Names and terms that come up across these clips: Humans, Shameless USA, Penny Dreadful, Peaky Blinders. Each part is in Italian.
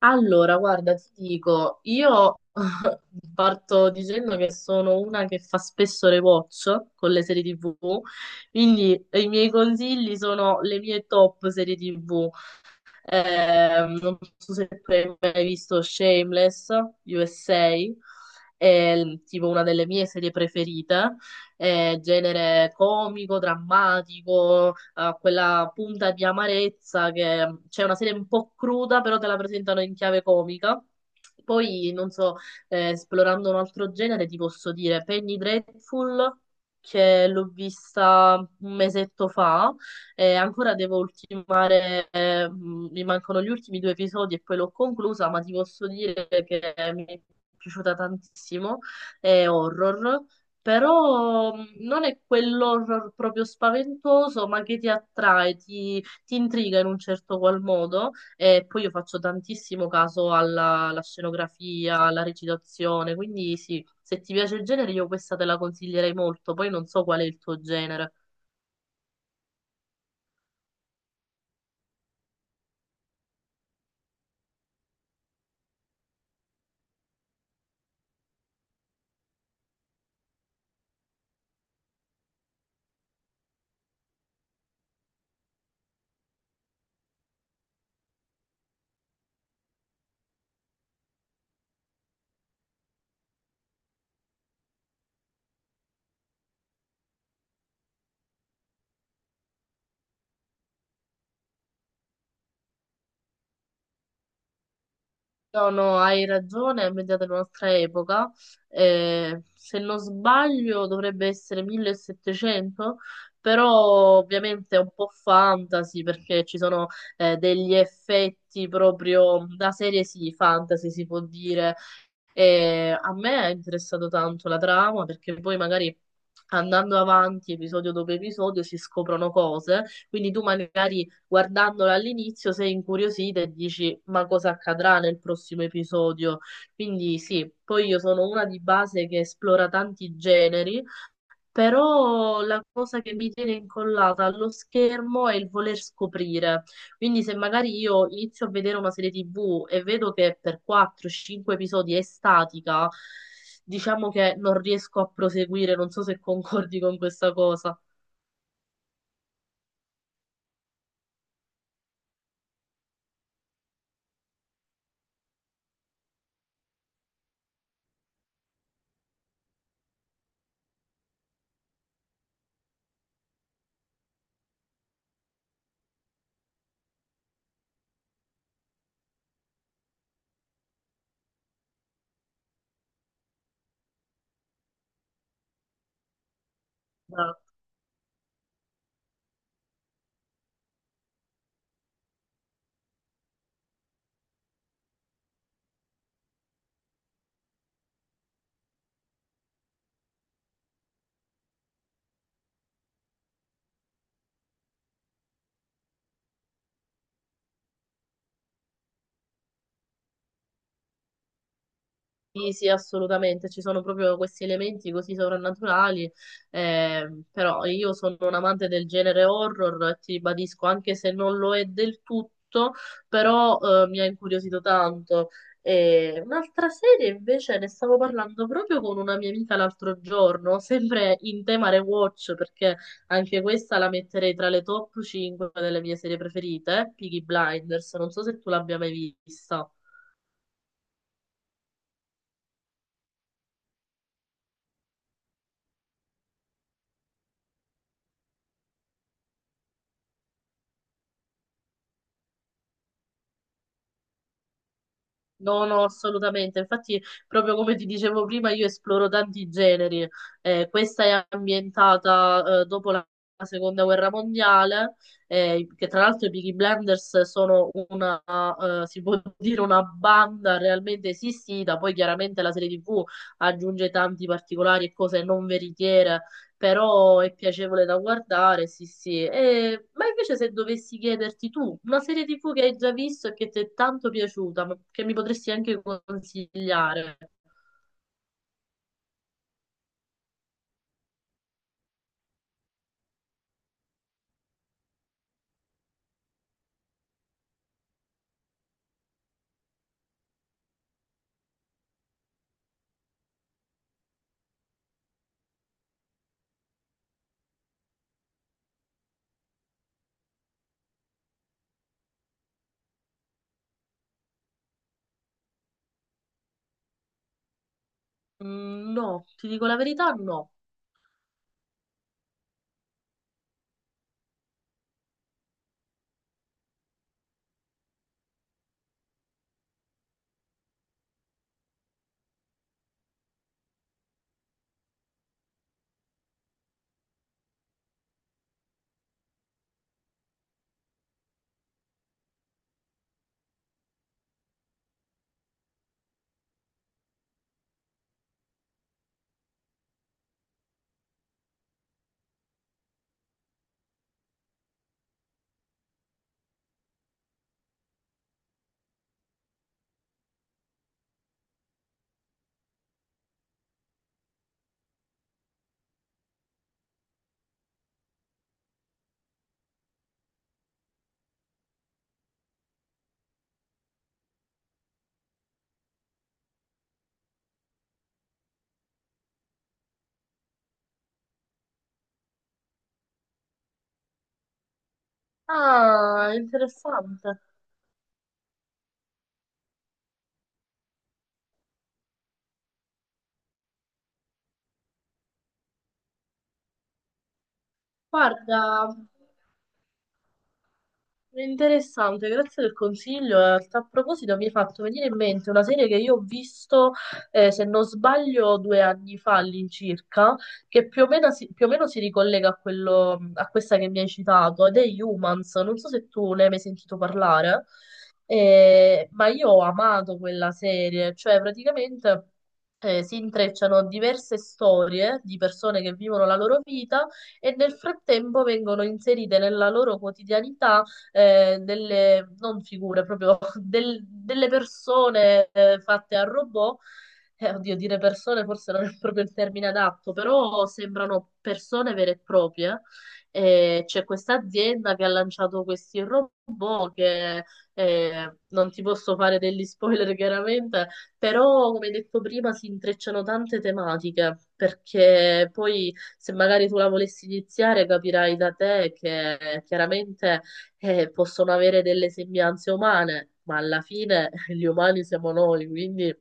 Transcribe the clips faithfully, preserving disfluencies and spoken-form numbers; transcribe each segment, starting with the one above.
Allora, guarda, ti dico, io parto dicendo che sono una che fa spesso rewatch con le serie T V, quindi i miei consigli sono le mie top serie T V. Eh, non so se tu hai mai visto Shameless U S A, è l- tipo una delle mie serie preferite, è genere comico, drammatico, ha quella punta di amarezza che mm, c'è una serie un po' cruda, però te la presentano in chiave comica. Poi, non so, eh, esplorando un altro genere, ti posso dire Penny Dreadful, che l'ho vista un mesetto fa eh, ancora devo ultimare, eh, mh, mi mancano gli ultimi due episodi e poi l'ho conclusa, ma ti posso dire che mi è piaciuta tantissimo. È horror, però mh, non è quell'horror proprio spaventoso, ma che ti attrae, ti, ti intriga in un certo qual modo. E poi io faccio tantissimo caso alla, alla scenografia, alla recitazione, quindi sì, se ti piace il genere io questa te la consiglierei molto, poi non so qual è il tuo genere. No, no, hai ragione, è media della nostra epoca. Eh, se non sbaglio dovrebbe essere millesettecento, però ovviamente è un po' fantasy perché ci sono eh, degli effetti proprio da serie sì, fantasy si può dire, e a me è interessato tanto la trama perché poi magari andando avanti episodio dopo episodio si scoprono cose, quindi tu magari guardandola all'inizio sei incuriosita e dici ma cosa accadrà nel prossimo episodio. Quindi sì, poi io sono una di base che esplora tanti generi però la cosa che mi tiene incollata allo schermo è il voler scoprire. Quindi se magari io inizio a vedere una serie T V e vedo che per quattro cinque episodi è statica, diciamo che non riesco a proseguire, non so se concordi con questa cosa. Sì, sì, assolutamente, ci sono proprio questi elementi così sovrannaturali, eh, però io sono un amante del genere horror, e ti ribadisco, anche se non lo è del tutto, però eh, mi ha incuriosito tanto. E un'altra serie invece ne stavo parlando proprio con una mia amica l'altro giorno, sempre in tema rewatch, perché anche questa la metterei tra le top cinque delle mie serie preferite, Peaky Blinders, non so se tu l'abbia mai vista. No, no, assolutamente. Infatti, proprio come ti dicevo prima, io esploro tanti generi. Eh, questa è ambientata eh, dopo la la seconda guerra mondiale, eh, che tra l'altro i Peaky Blinders sono una, eh, si può dire una banda realmente esistita. Poi chiaramente la serie T V aggiunge tanti particolari e cose non veritiere però è piacevole da guardare, sì, sì. E- ma invece se dovessi chiederti tu, una serie tivù che hai già visto e che ti è tanto piaciuta, ma che mi potresti anche consigliare? Mm, no, ti dico la verità, no. Ah, interessante. Guarda. Interessante, grazie del consiglio. In realtà, A proposito, mi hai fatto venire in mente una serie che io ho visto, eh, se non sbaglio, due anni fa all'incirca, che più o meno si, più o meno si ricollega a quello, a questa che mi hai citato, ed è Humans. Non so se tu ne hai mai sentito parlare, eh, ma io ho amato quella serie, cioè praticamente. Eh, si intrecciano diverse storie di persone che vivono la loro vita e nel frattempo vengono inserite nella loro quotidianità eh, delle, non figure, proprio del- delle persone eh, fatte a robot. Eh, oddio, dire persone forse non è proprio il termine adatto, però sembrano persone vere e proprie. Eh, c'è questa azienda che ha lanciato questi robot che eh, non ti posso fare degli spoiler chiaramente, però come detto prima si intrecciano tante tematiche perché poi se magari tu la volessi iniziare capirai da te che chiaramente eh, possono avere delle sembianze umane, ma alla fine gli umani siamo noi, quindi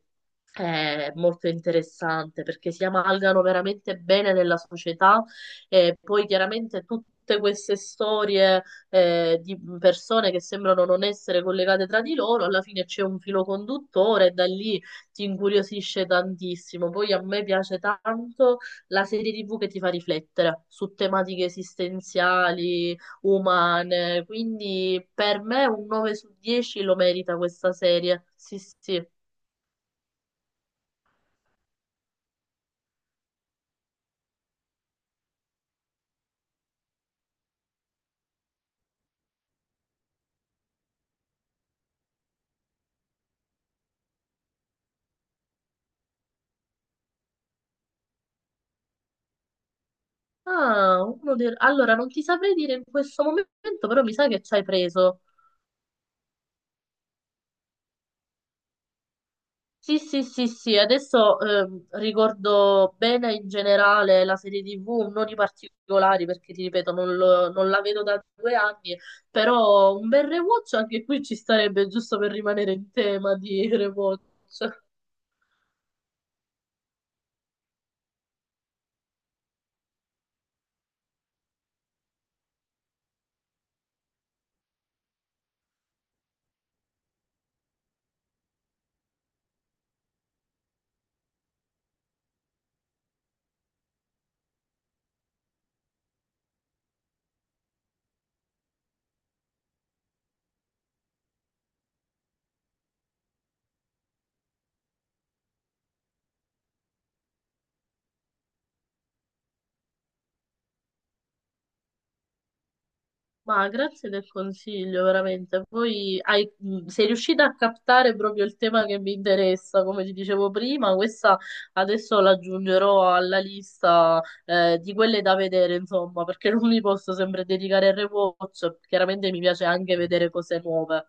è molto interessante perché si amalgano veramente bene nella società e poi chiaramente tutte queste storie eh, di persone che sembrano non essere collegate tra di loro, alla fine c'è un filo conduttore e da lì ti incuriosisce tantissimo. Poi a me piace tanto la serie T V che ti fa riflettere su tematiche esistenziali, umane, quindi per me un nove su dieci lo merita questa serie. Sì, sì. Ah, uno del- allora non ti saprei dire in questo momento, però mi sa che ci hai preso. Sì, sì, sì, sì, adesso ehm, ricordo bene in generale la serie T V, non i particolari perché ti ripeto non, lo- non la vedo da due anni, però un bel rewatch anche qui ci starebbe giusto per rimanere in tema di rewatch. Ma grazie del consiglio, veramente. Poi hai- mh, sei riuscita a captare proprio il tema che mi interessa, come ti dicevo prima, questa adesso la aggiungerò alla lista eh, di quelle da vedere, insomma, perché non mi posso sempre dedicare al rewatch, chiaramente mi piace anche vedere cose nuove.